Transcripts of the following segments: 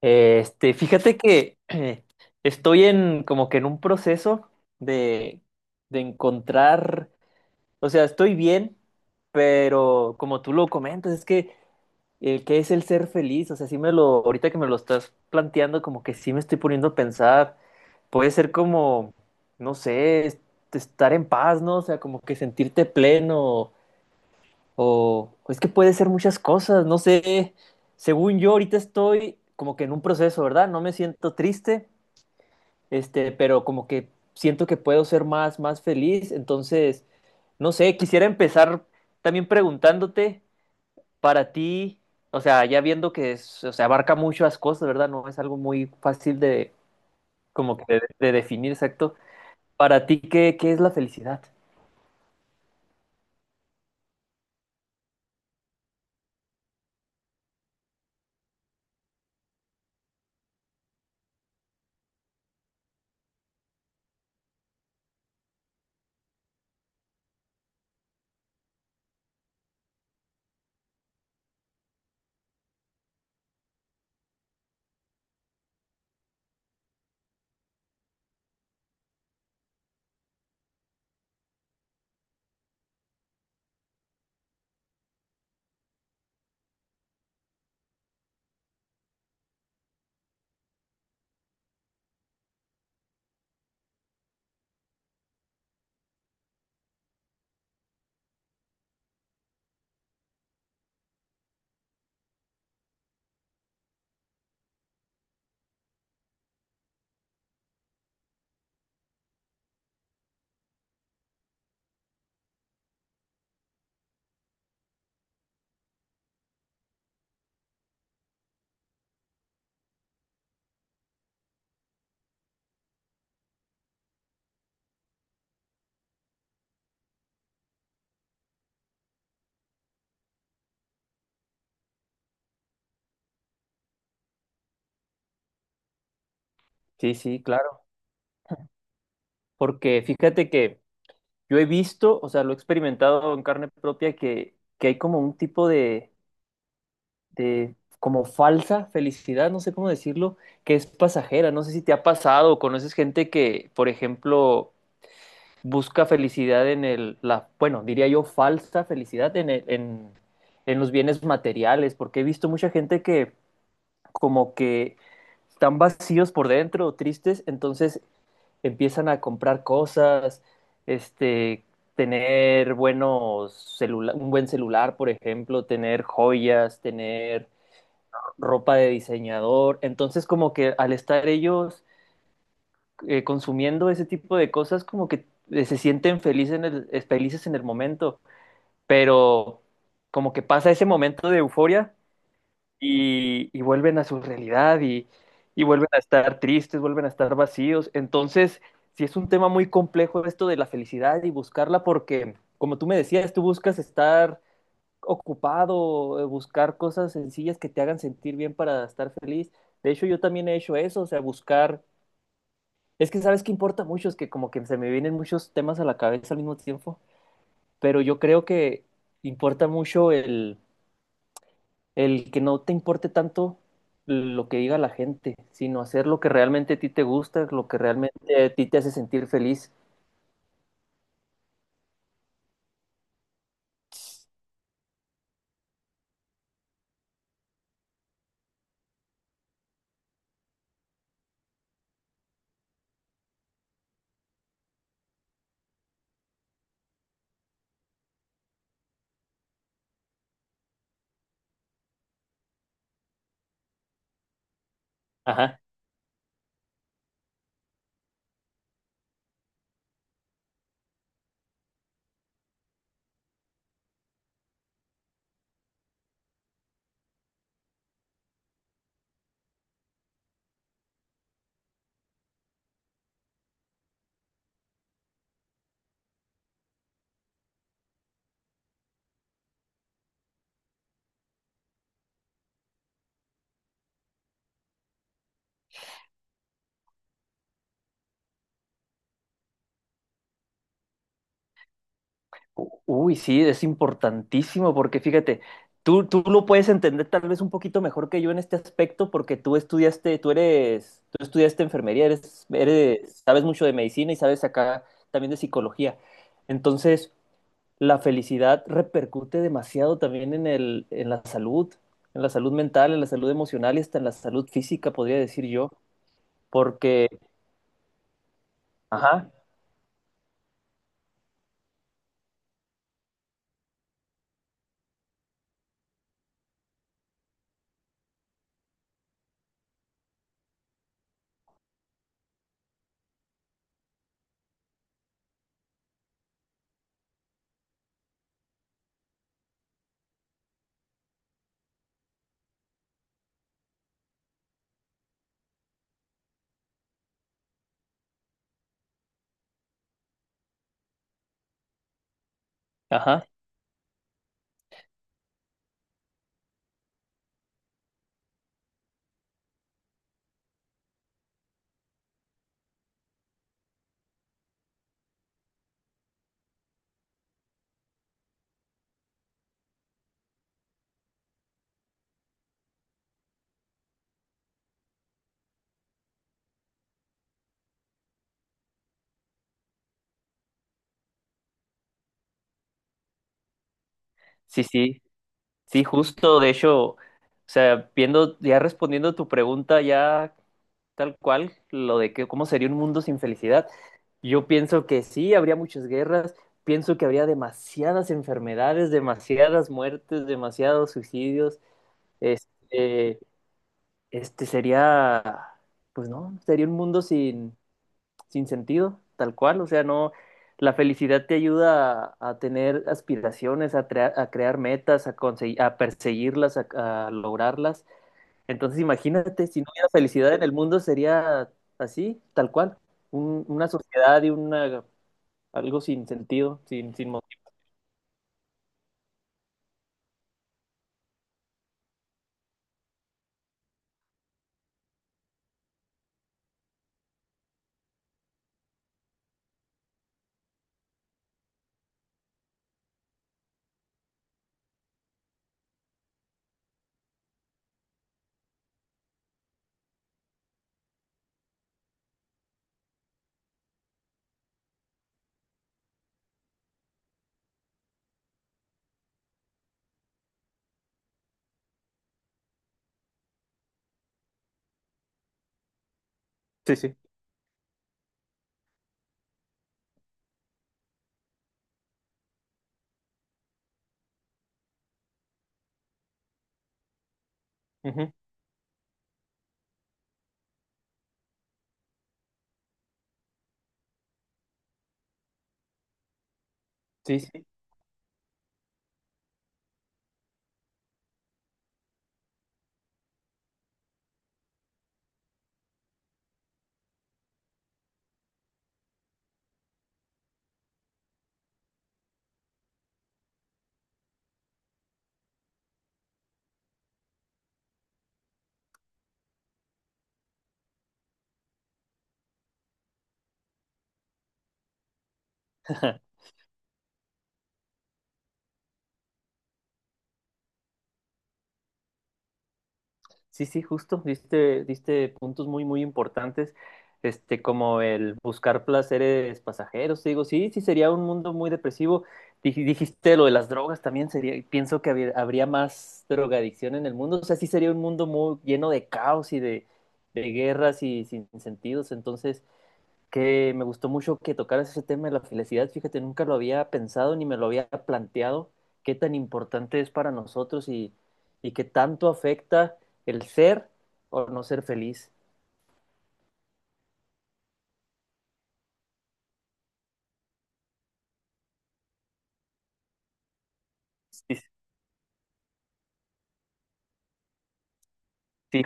Este, fíjate que estoy en como que en un proceso de, de encontrar, o sea, estoy bien, pero como tú lo comentas, es que el que es el ser feliz, o sea, sí me lo, ahorita que me lo estás planteando, como que sí me estoy poniendo a pensar, puede ser como, no sé, estar en paz, ¿no? O sea, como que sentirte pleno, o es que puede ser muchas cosas, no sé. Según yo, ahorita estoy como que en un proceso, ¿verdad? No me siento triste, pero como que siento que puedo ser más, más feliz. Entonces, no sé, quisiera empezar también preguntándote para ti, o sea, ya viendo que es, o sea, abarca muchas cosas, ¿verdad? No es algo muy fácil de, como que de definir, exacto. Para ti, ¿qué es la felicidad? Sí, sí, claro. Porque fíjate que yo he visto, o sea, lo he experimentado en carne propia, que hay como un tipo de como falsa felicidad, no sé cómo decirlo, que es pasajera. No sé si te ha pasado o conoces gente que, por ejemplo, busca felicidad en bueno, diría yo, falsa felicidad en en los bienes materiales, porque he visto mucha gente que como que están vacíos por dentro, tristes, entonces empiezan a comprar cosas, este, tener un buen celular, por ejemplo, tener joyas, tener ropa de diseñador. Entonces, como que al estar ellos consumiendo ese tipo de cosas, como que se sienten felices en felices en el momento, pero como que pasa ese momento de euforia y vuelven a su realidad y vuelven a estar tristes, vuelven a estar vacíos. Entonces, sí es un tema muy complejo esto de la felicidad y buscarla porque, como tú me decías, tú buscas estar ocupado, buscar cosas sencillas que te hagan sentir bien para estar feliz. De hecho, yo también he hecho eso, o sea, buscar... Es que sabes que importa mucho, es que como que se me vienen muchos temas a la cabeza al mismo tiempo, pero yo creo que importa mucho el que no te importe tanto lo que diga la gente, sino hacer lo que realmente a ti te gusta, lo que realmente a ti te hace sentir feliz. Ajá. Uy, sí, es importantísimo porque fíjate, tú lo puedes entender tal vez un poquito mejor que yo en este aspecto porque tú estudiaste, tú estudiaste enfermería, eres, sabes mucho de medicina y sabes acá también de psicología. Entonces, la felicidad repercute demasiado también en en la salud mental, en la salud emocional y hasta en la salud física, podría decir yo, porque, ajá, ajá, sí, sí, sí, justo, de hecho, o sea, viendo, ya respondiendo a tu pregunta, ya tal cual, lo de que, cómo sería un mundo sin felicidad, yo pienso que sí, habría muchas guerras, pienso que habría demasiadas enfermedades, demasiadas muertes, demasiados suicidios, este sería, pues no, sería un mundo sin, sin sentido, tal cual. O sea, no, la felicidad te ayuda a tener aspiraciones, a, a crear metas, a conseguir, a perseguirlas, a lograrlas. Entonces, imagínate, si no hubiera felicidad en el mundo, sería así, tal cual. Una sociedad y una, algo sin sentido, sin, sin motivo. Sí, sí. Ujú. Sí, sí. Sí, sí, justo, diste, diste puntos muy, muy importantes, como el buscar placeres pasajeros, te digo, sí, sí, sería un mundo muy depresivo. Dijiste lo de las drogas, también sería, pienso que habría, habría más drogadicción en el mundo, o sea, sí sería un mundo muy lleno de caos y de guerras y sin sentidos, entonces que me gustó mucho que tocaras ese tema de la felicidad. Fíjate, nunca lo había pensado ni me lo había planteado, qué tan importante es para nosotros y qué tanto afecta el ser o no ser feliz. Sí, sí.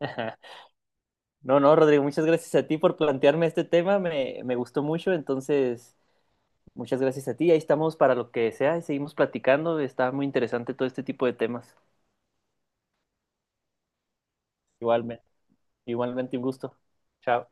No, no, Rodrigo, muchas gracias a ti por plantearme este tema, me gustó mucho, entonces muchas gracias a ti, ahí estamos para lo que sea y seguimos platicando, está muy interesante todo este tipo de temas. Igualmente, igualmente un gusto. Chao.